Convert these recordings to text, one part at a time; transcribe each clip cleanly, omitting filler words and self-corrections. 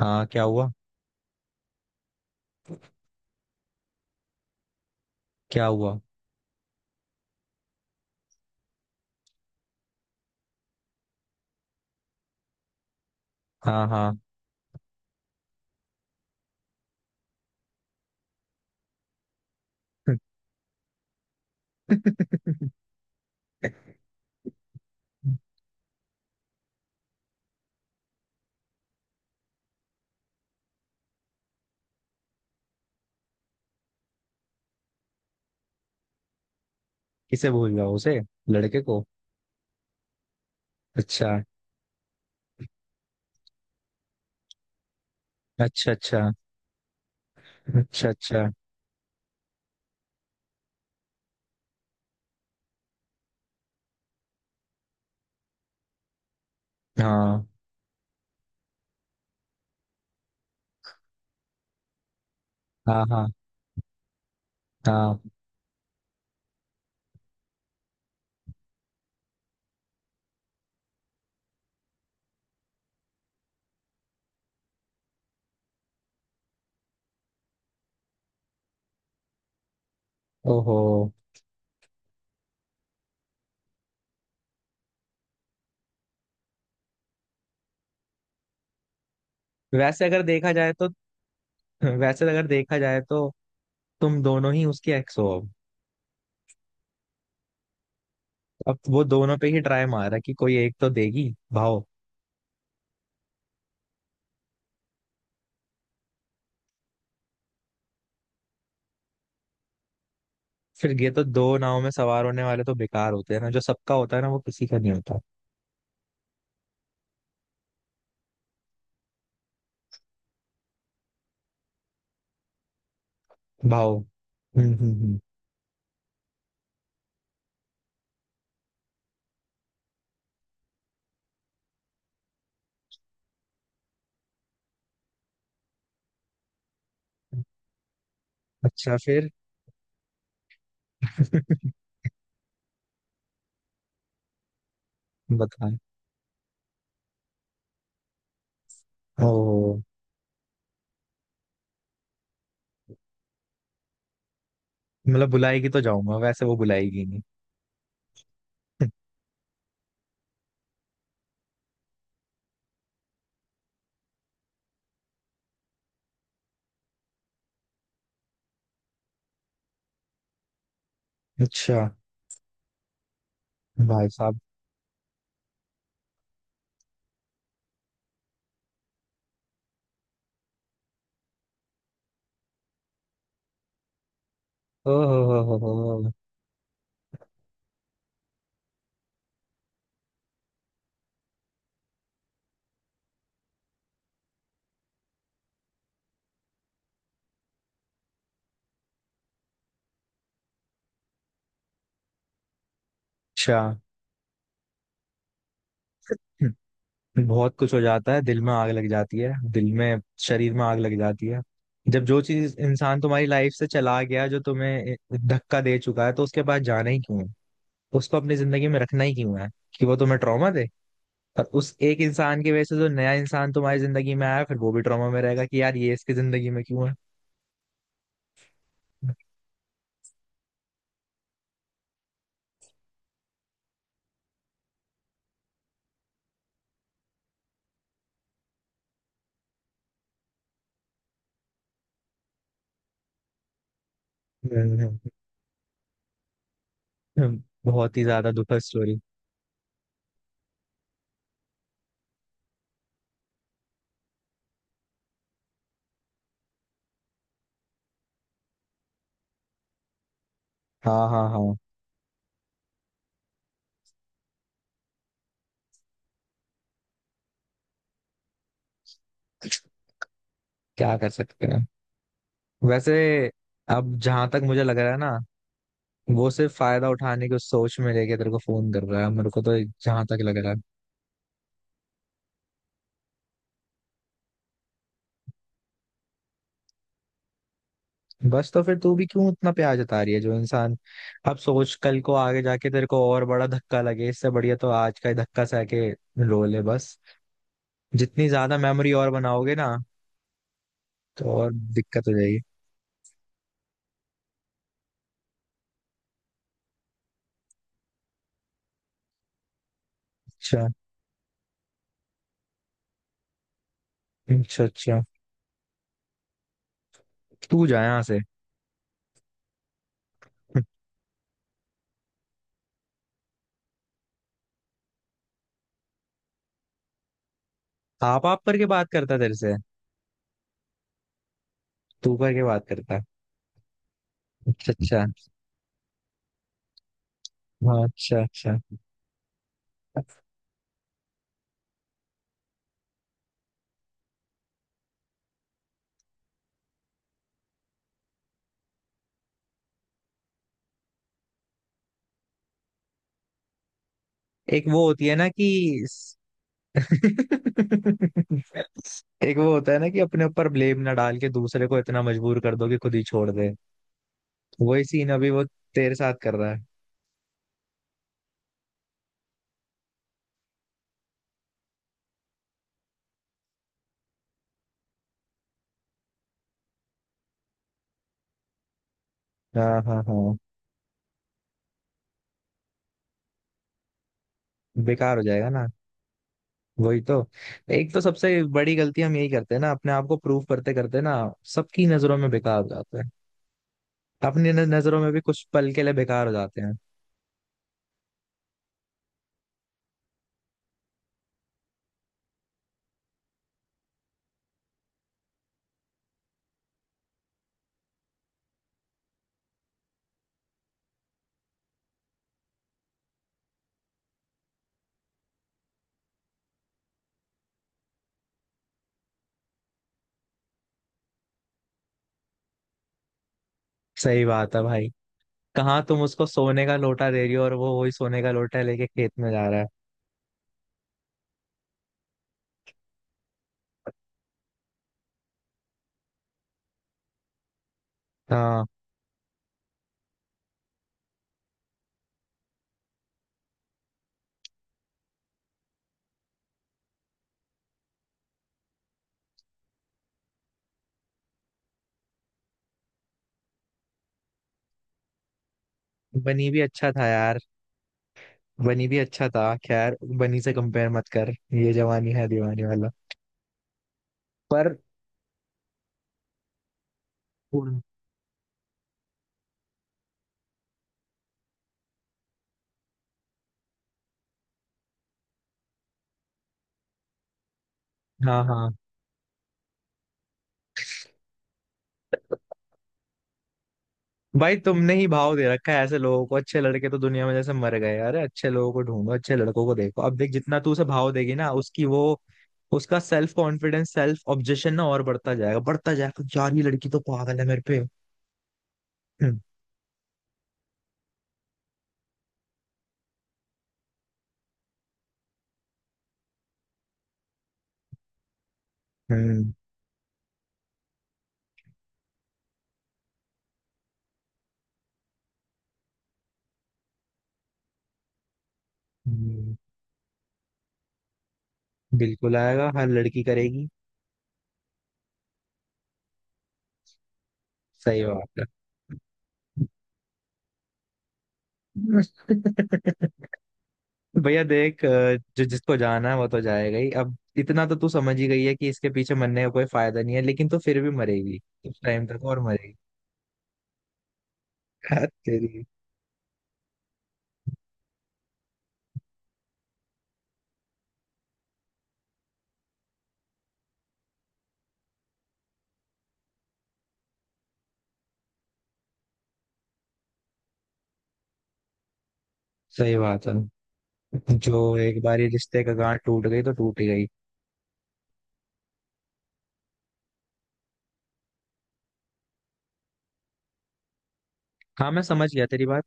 हाँ, क्या हुआ? क्या हुआ? हाँ, हाँ। किसे भूल गया? उसे? लड़के को? अच्छा। अच्छा। अच्छा। अच्छा। अच्छा। हाँ, हाँ। हाँ, हाँ। ओहो। वैसे अगर देखा जाए तो वैसे अगर देखा जाए तो तुम दोनों ही उसकी एक्स हो अब। अब वो दोनों पे ही ट्राई मारा कि कोई एक तो देगी भाव। फिर ये तो दो नाव में सवार होने वाले तो बेकार होते हैं ना, जो सबका होता है ना वो किसी का नहीं होता। भाव। हम्म, हम्म, हम्म। अच्छा, फिर? बताए। ओ। मतलब बुलाएगी तो जाऊंगा, वैसे वो बुलाएगी ही नहीं। अच्छा। भाई साहब। ओ हो हो। अच्छा। हम्म। बहुत कुछ हो जाता है, दिल में आग लग जाती है, दिल में। शरीर में आग लग जाती है। जब जो चीज इंसान तुम्हारी लाइफ से चला गया, जो तुम्हें धक्का दे चुका है, तो उसके पास जाना ही क्यों है? उसको अपनी जिंदगी में रखना ही क्यों है? कि वो तुम्हें ट्रॉमा दे। और उस एक इंसान की वजह से जो नया इंसान तुम्हारी जिंदगी में आया, फिर वो भी ट्रॉमा में रहेगा कि यार ये इसकी जिंदगी में क्यों है। हम्म। बहुत ही ज्यादा दुखद स्टोरी। हाँ, हाँ, हाँ। क्या कर सकते हैं वैसे। अब जहां तक मुझे लग रहा है ना, वो सिर्फ फायदा उठाने की सोच में लेके तेरे को फोन कर रहा है, मेरे को तो जहां तक लग रहा है। बस तो फिर तू भी क्यों इतना प्यार जता रही है, जो इंसान। अब सोच, कल को आगे जाके तेरे को और बड़ा धक्का लगे, इससे बढ़िया तो आज का ही धक्का सह के रो ले बस। जितनी ज्यादा मेमोरी और बनाओगे ना, तो और दिक्कत हो जाएगी। अच्छा। अच्छा, अच्छा। तू जा यहाँ से। आप करके बात करता तेरे से? तू करके बात करता? अच्छा, अच्छा। हाँ, अच्छा, अच्छा। एक वो होती है ना कि— एक वो होता है ना कि अपने ऊपर ब्लेम ना डाल के दूसरे को इतना मजबूर कर दो कि खुद ही छोड़ दे। वही सीन अभी वो तेरे साथ कर रहा है। हाँ, हाँ, हाँ। बेकार हो जाएगा ना। वही तो। एक तो सबसे बड़ी गलती हम यही करते हैं ना, अपने आप को प्रूव करते करते ना, सबकी नजरों में बेकार हो जाते हैं। अपनी नजरों में भी कुछ पल के लिए बेकार हो जाते हैं। सही बात है भाई। कहाँ तुम उसको सोने का लोटा दे रही हो, और वो वही सोने का लोटा लेके खेत में जा रहा है। हाँ। बनी भी अच्छा था यार। बनी भी अच्छा था, खैर बनी से कंपेयर मत कर। ये जवानी है दीवानी वाला। पर उन- हाँ, हाँ। भाई तुमने ही भाव दे रखा है ऐसे लोगों को। अच्छे लड़के तो दुनिया में जैसे मर गए? अरे अच्छे लोगों को ढूंढो, अच्छे लड़कों को देखो। अब देख, जितना तू उसे भाव देगी ना उसकी वो, उसका सेल्फ कॉन्फिडेंस, सेल्फ ऑब्जेक्शन ना और बढ़ता जाएगा, बढ़ता जाएगा, यार ये लड़की तो पागल है मेरे पे। हम्म, हम्म, हम्म। बिल्कुल आएगा, हर लड़की करेगी। सही बात है। भैया देख, जो जिसको जाना है वो तो जाएगा ही। अब इतना तो तू समझ ही गई है कि इसके पीछे मरने का कोई फायदा नहीं है, लेकिन तो फिर भी मरेगी, कुछ टाइम तक और मरेगी। यार तेरी। सही बात है। जो एक बार ये रिश्ते का गांठ टूट गई तो टूट ही गई। हाँ, मैं समझ गया तेरी बात।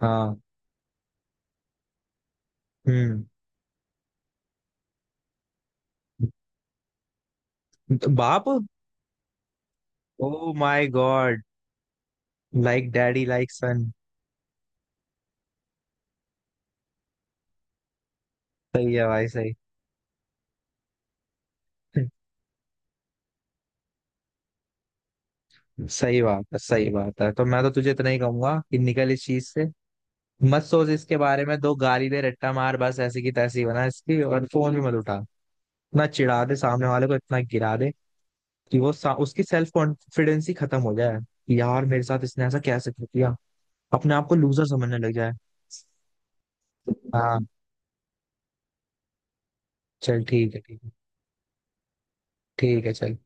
हाँ। हम्म। तो बाप। Oh my God. Like daddy like son. सही है भाई, सही। सही बात है, सही बात है। तो मैं तो तुझे इतना ही कहूंगा कि निकल इस चीज से। मत सोच इसके बारे में, दो गाली दे, रट्टा मार, बस ऐसी की तैसी बना इसकी, और फोन भी मत उठा। इतना चिढ़ा दे सामने वाले को, इतना गिरा दे कि उसकी सेल्फ कॉन्फिडेंस ही खत्म हो जाए कि यार मेरे साथ इसने ऐसा कैसे किया। अपने आप को लूजर समझने लग जाए। हाँ। चल ठीक है, ठीक है। ठीक है चल।